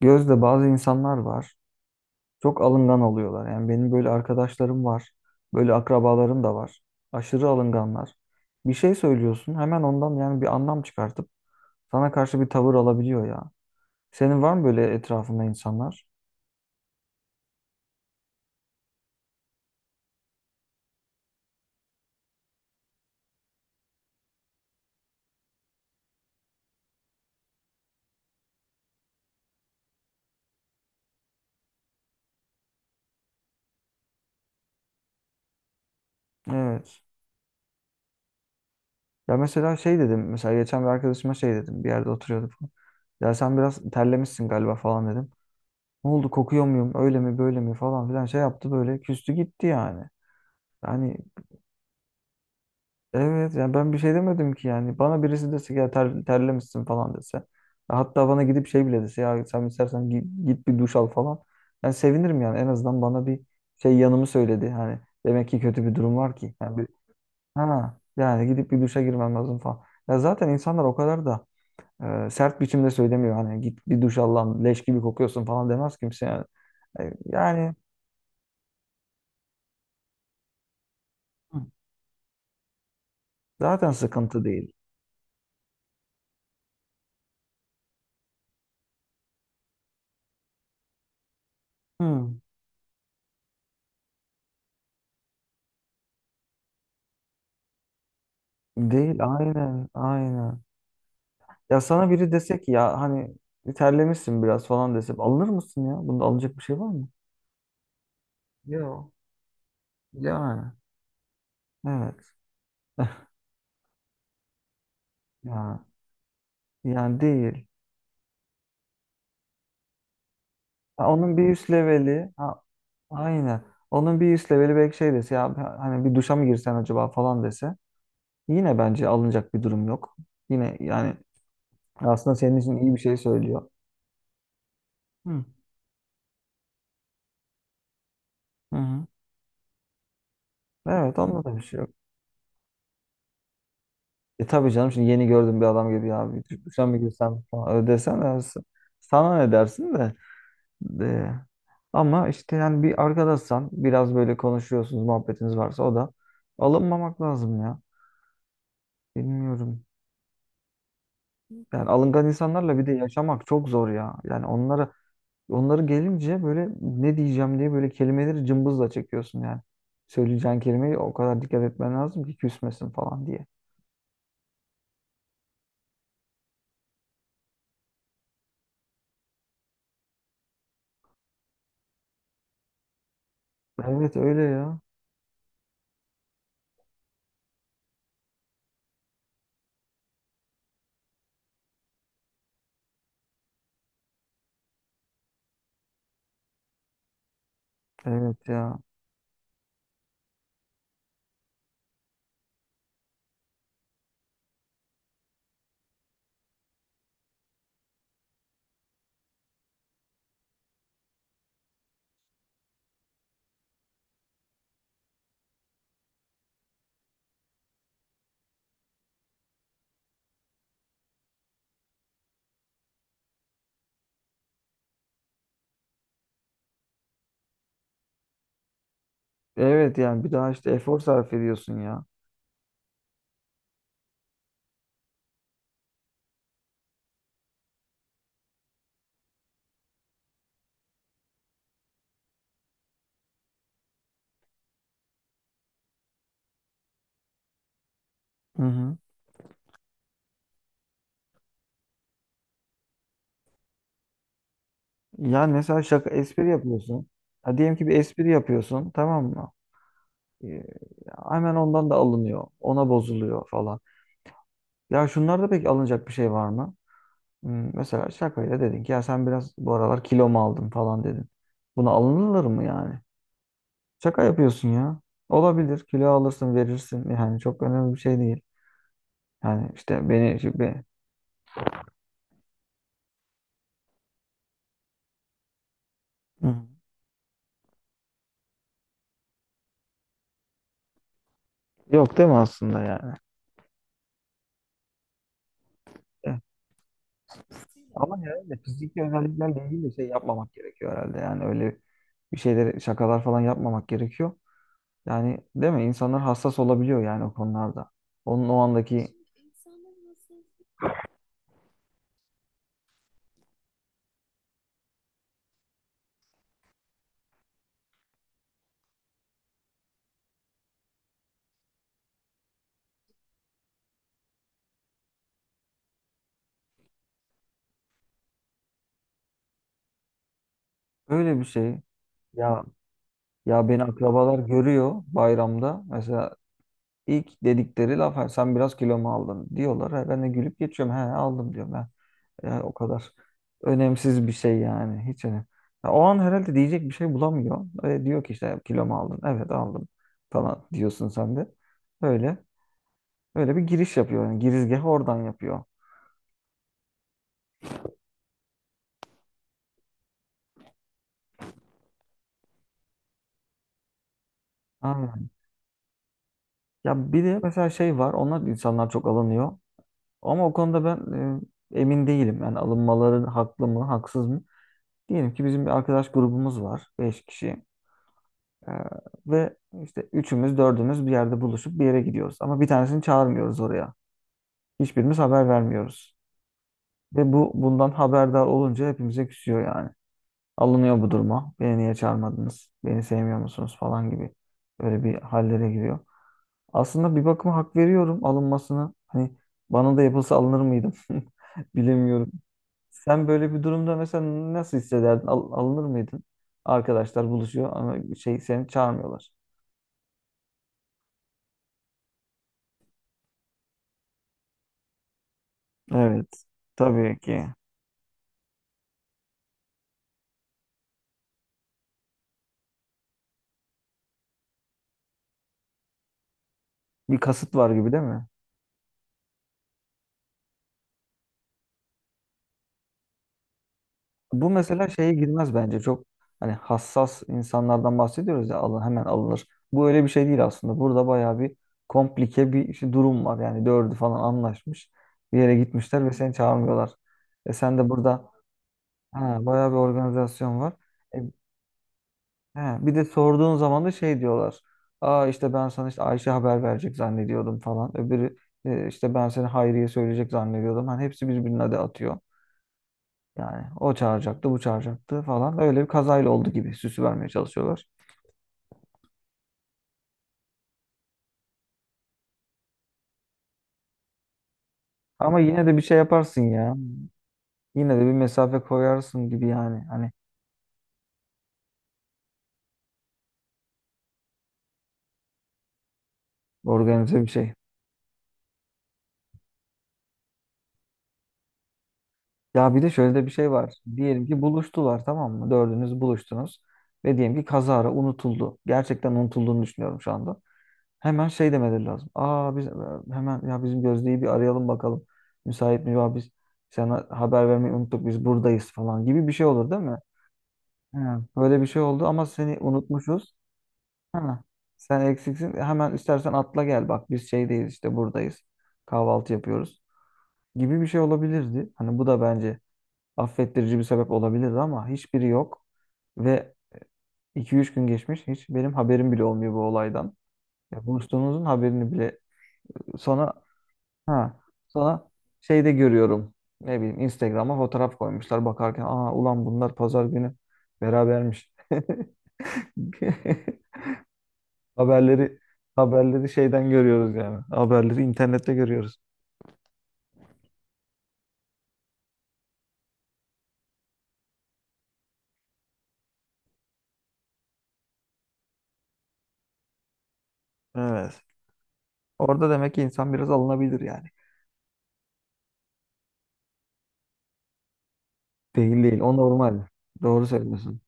Gözde, bazı insanlar var. Çok alıngan oluyorlar. Yani benim böyle arkadaşlarım var. Böyle akrabalarım da var. Aşırı alınganlar. Bir şey söylüyorsun, hemen ondan yani bir anlam çıkartıp sana karşı bir tavır alabiliyor ya. Senin var mı böyle etrafında insanlar? Evet. Ya mesela şey dedim. Mesela geçen bir arkadaşıma şey dedim. Bir yerde oturuyorduk. Ya sen biraz terlemişsin galiba falan dedim. Ne oldu, kokuyor muyum? Öyle mi, böyle mi falan filan şey yaptı böyle. Küstü gitti yani. Yani. Evet, yani ben bir şey demedim ki yani. Bana birisi dese ki ya terlemişsin falan dese. Hatta bana gidip şey bile dese, ya sen istersen git bir duş al falan. Ben sevinirim yani, en azından bana bir şey yanımı söyledi. Hani demek ki kötü bir durum var ki. Yani bir, ha, yani gidip bir duşa girmem lazım falan. Ya zaten insanlar o kadar da sert biçimde söylemiyor. Hani git bir duş al lan, leş gibi kokuyorsun falan demez kimse yani. Yani zaten sıkıntı değil. Hmm. Değil, aynen aynen. Ya sana biri dese ki ya hani terlemişsin biraz falan dese, alınır mısın ya? Bunda alınacak bir şey var mı? Yok. Yani evet. Ya, yani değil. Ha, onun bir üst leveli ha, aynen. Onun bir üst leveli belki şey dese, ya hani bir duşa mı girsen acaba falan dese, yine bence alınacak bir durum yok. Yine yani aslında senin için iyi bir şey söylüyor. Hı. Hı hı. Evet, onda da bir şey yok. E tabii canım, şimdi yeni gördüm bir adam gibi ya bir duşa mı girsem falan öyle desen ya, sana ne dersin de. Ee, Ama işte yani bir arkadaşsan, biraz böyle konuşuyorsunuz, muhabbetiniz varsa, o da alınmamak lazım ya. Bilmiyorum. Yani alıngan insanlarla bir de yaşamak çok zor ya. Yani onları gelince böyle ne diyeceğim diye böyle kelimeleri cımbızla çekiyorsun yani. Söyleyeceğin kelimeyi o kadar dikkat etmen lazım ki küsmesin falan diye. Evet, öyle ya. Evet ya. Evet, yani bir daha işte efor sarf ediyorsun ya. Hı hı. Yani mesela şaka, espri yapıyorsun. Ha, diyelim ki bir espri yapıyorsun, tamam mı? Ee, Hemen ondan da alınıyor. Ona bozuluyor falan. Ya şunlarda pek alınacak bir şey var mı? Mesela şakayla dedin ki ya sen biraz bu aralar kilo mu aldın falan dedin. Buna alınırlar mı yani? Şaka yapıyorsun ya. Olabilir. Kilo alırsın, verirsin. Yani çok önemli bir şey değil. Yani işte beni şimdi... Hı. Yok değil mi aslında yani? E, Ama herhalde fiziki özelliklerle ilgili de şey yapmamak gerekiyor herhalde. Yani öyle bir şeyleri, şakalar falan yapmamak gerekiyor. Yani, değil mi? İnsanlar hassas olabiliyor yani o konularda. Onun o andaki öyle bir şey. Ya ya, beni akrabalar görüyor bayramda. Mesela ilk dedikleri laf, "Ha, sen biraz kilo mu aldın" diyorlar. Ha, ben de gülüp geçiyorum. He aldım diyorum ben. Ya, o kadar önemsiz bir şey yani. Hiç önemli. Ya, o an herhalde diyecek bir şey bulamıyor. Diyor ki işte, kilo mu aldın? Evet aldım falan diyorsun sen de. Öyle. Öyle bir giriş yapıyor. Yani girizgahı oradan yapıyor. Ya bir de mesela şey var, onlar insanlar çok alınıyor. Ama o konuda ben emin değilim. Yani alınmaları haklı mı, haksız mı? Diyelim ki bizim bir arkadaş grubumuz var, 5 kişi. Ee, ve işte üçümüz, dördümüz bir yerde buluşup bir yere gidiyoruz. Ama bir tanesini çağırmıyoruz oraya. Hiçbirimiz haber vermiyoruz. Ve bu bundan haberdar olunca hepimize küsüyor yani. Alınıyor bu duruma. Beni niye çağırmadınız? Beni sevmiyor musunuz falan gibi. Böyle bir hallere giriyor. Aslında bir bakıma hak veriyorum alınmasına. Hani bana da yapılsa alınır mıydım? Bilemiyorum. Sen böyle bir durumda mesela nasıl hissederdin? Alınır mıydın? Arkadaşlar buluşuyor ama şey, seni çağırmıyorlar. Evet. Tabii ki. Bir kasıt var gibi, değil mi? Bu mesela şeye girmez bence. Çok hani hassas insanlardan bahsediyoruz ya, alın, hemen alınır. Bu öyle bir şey değil aslında. Burada bayağı bir komplike bir işte durum var. Yani dördü falan anlaşmış. Bir yere gitmişler ve seni çağırmıyorlar. E sen de burada. Ha, bayağı bir organizasyon var. E, he, bir de sorduğun zaman da şey diyorlar. Aa, işte ben sana işte Ayşe haber verecek zannediyordum falan. Öbürü işte, ben seni Hayriye söyleyecek zannediyordum. Hani hepsi birbirine de atıyor. Yani o çağıracaktı, bu çağıracaktı falan. Öyle bir kazayla oldu gibi süsü vermeye çalışıyorlar. Ama yine de bir şey yaparsın ya. Yine de bir mesafe koyarsın gibi yani. Hani organize bir şey. Ya bir de şöyle de bir şey var. Diyelim ki buluştular, tamam mı? Dördünüz buluştunuz. Ve diyelim ki kazara unutuldu. Gerçekten unutulduğunu düşünüyorum şu anda. Hemen şey demeleri lazım. Aa, biz hemen, ya bizim Gözde'yi bir arayalım bakalım. Müsait mi? Ya biz sana haber vermeyi unuttuk, biz buradayız falan gibi bir şey olur, değil mi? Hı. Böyle bir şey oldu ama seni unutmuşuz. Ha. Sen eksiksin. Hemen istersen atla gel, bak biz şeydeyiz, işte buradayız. Kahvaltı yapıyoruz gibi bir şey olabilirdi. Hani bu da bence affettirici bir sebep olabilirdi ama hiçbiri yok. Ve iki üç gün geçmiş, hiç benim haberim bile olmuyor bu olaydan. Ya buluştuğumuzun haberini bile sonra, ha, sonra şeyde görüyorum. Ne bileyim, Instagram'a fotoğraf koymuşlar, bakarken aa ulan bunlar pazar günü berabermiş. Haberleri haberleri şeyden görüyoruz yani. Haberleri internette görüyoruz. Evet. Orada demek ki insan biraz alınabilir yani. Değil değil. O normal. Doğru söylüyorsun.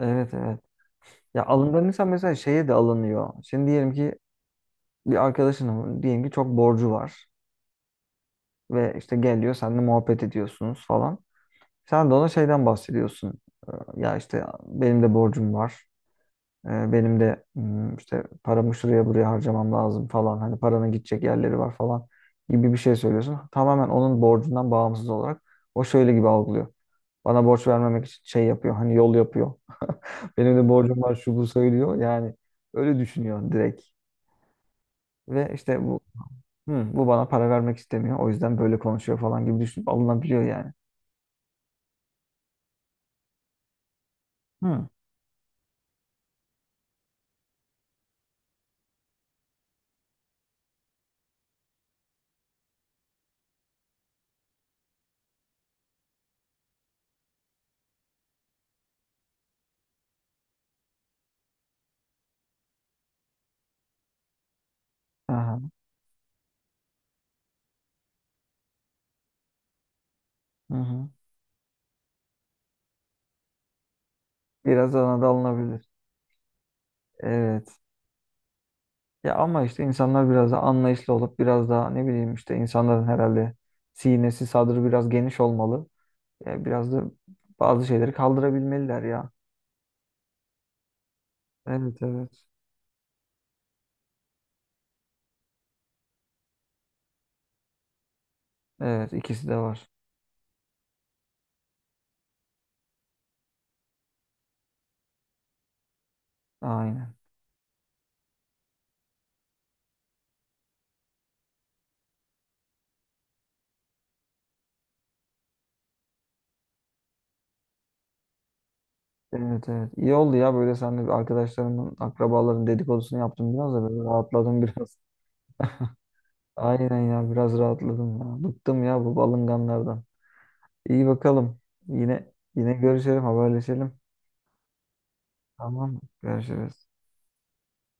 Evet evet. Ya alınganıysa mesela şeye de alınıyor. Şimdi diyelim ki bir arkadaşının, diyelim ki çok borcu var ve işte geliyor, seninle muhabbet ediyorsunuz falan. Sen de ona şeyden bahsediyorsun. Ya işte benim de borcum var. Benim de işte paramı şuraya buraya harcamam lazım falan. Hani paranın gidecek yerleri var falan gibi bir şey söylüyorsun. Tamamen onun borcundan bağımsız olarak o şöyle gibi algılıyor. Bana borç vermemek için şey yapıyor. Hani yol yapıyor. Benim de borcum var şu bu söylüyor. Yani öyle düşünüyor direkt. Ve işte bu, "Hı, bu bana para vermek istemiyor. O yüzden böyle konuşuyor" falan gibi düşünüp alınabiliyor yani. Hı. Aha. Hı hı. Biraz ona da alınabilir. Evet. Ya ama işte insanlar biraz da anlayışlı olup, biraz daha ne bileyim, işte insanların herhalde sinesi sadrı biraz geniş olmalı. Ya biraz da bazı şeyleri kaldırabilmeliler ya. Evet evet. Evet, ikisi de var. Aynen. Evet evet. İyi oldu ya, böyle sen de, bir arkadaşlarımın, akrabaların dedikodusunu yaptım biraz da, böyle rahatladım biraz. Aynen ya, biraz rahatladım ya. Bıktım ya bu balınganlardan. İyi bakalım. Yine yine görüşelim, haberleşelim. Tamam, görüşürüz.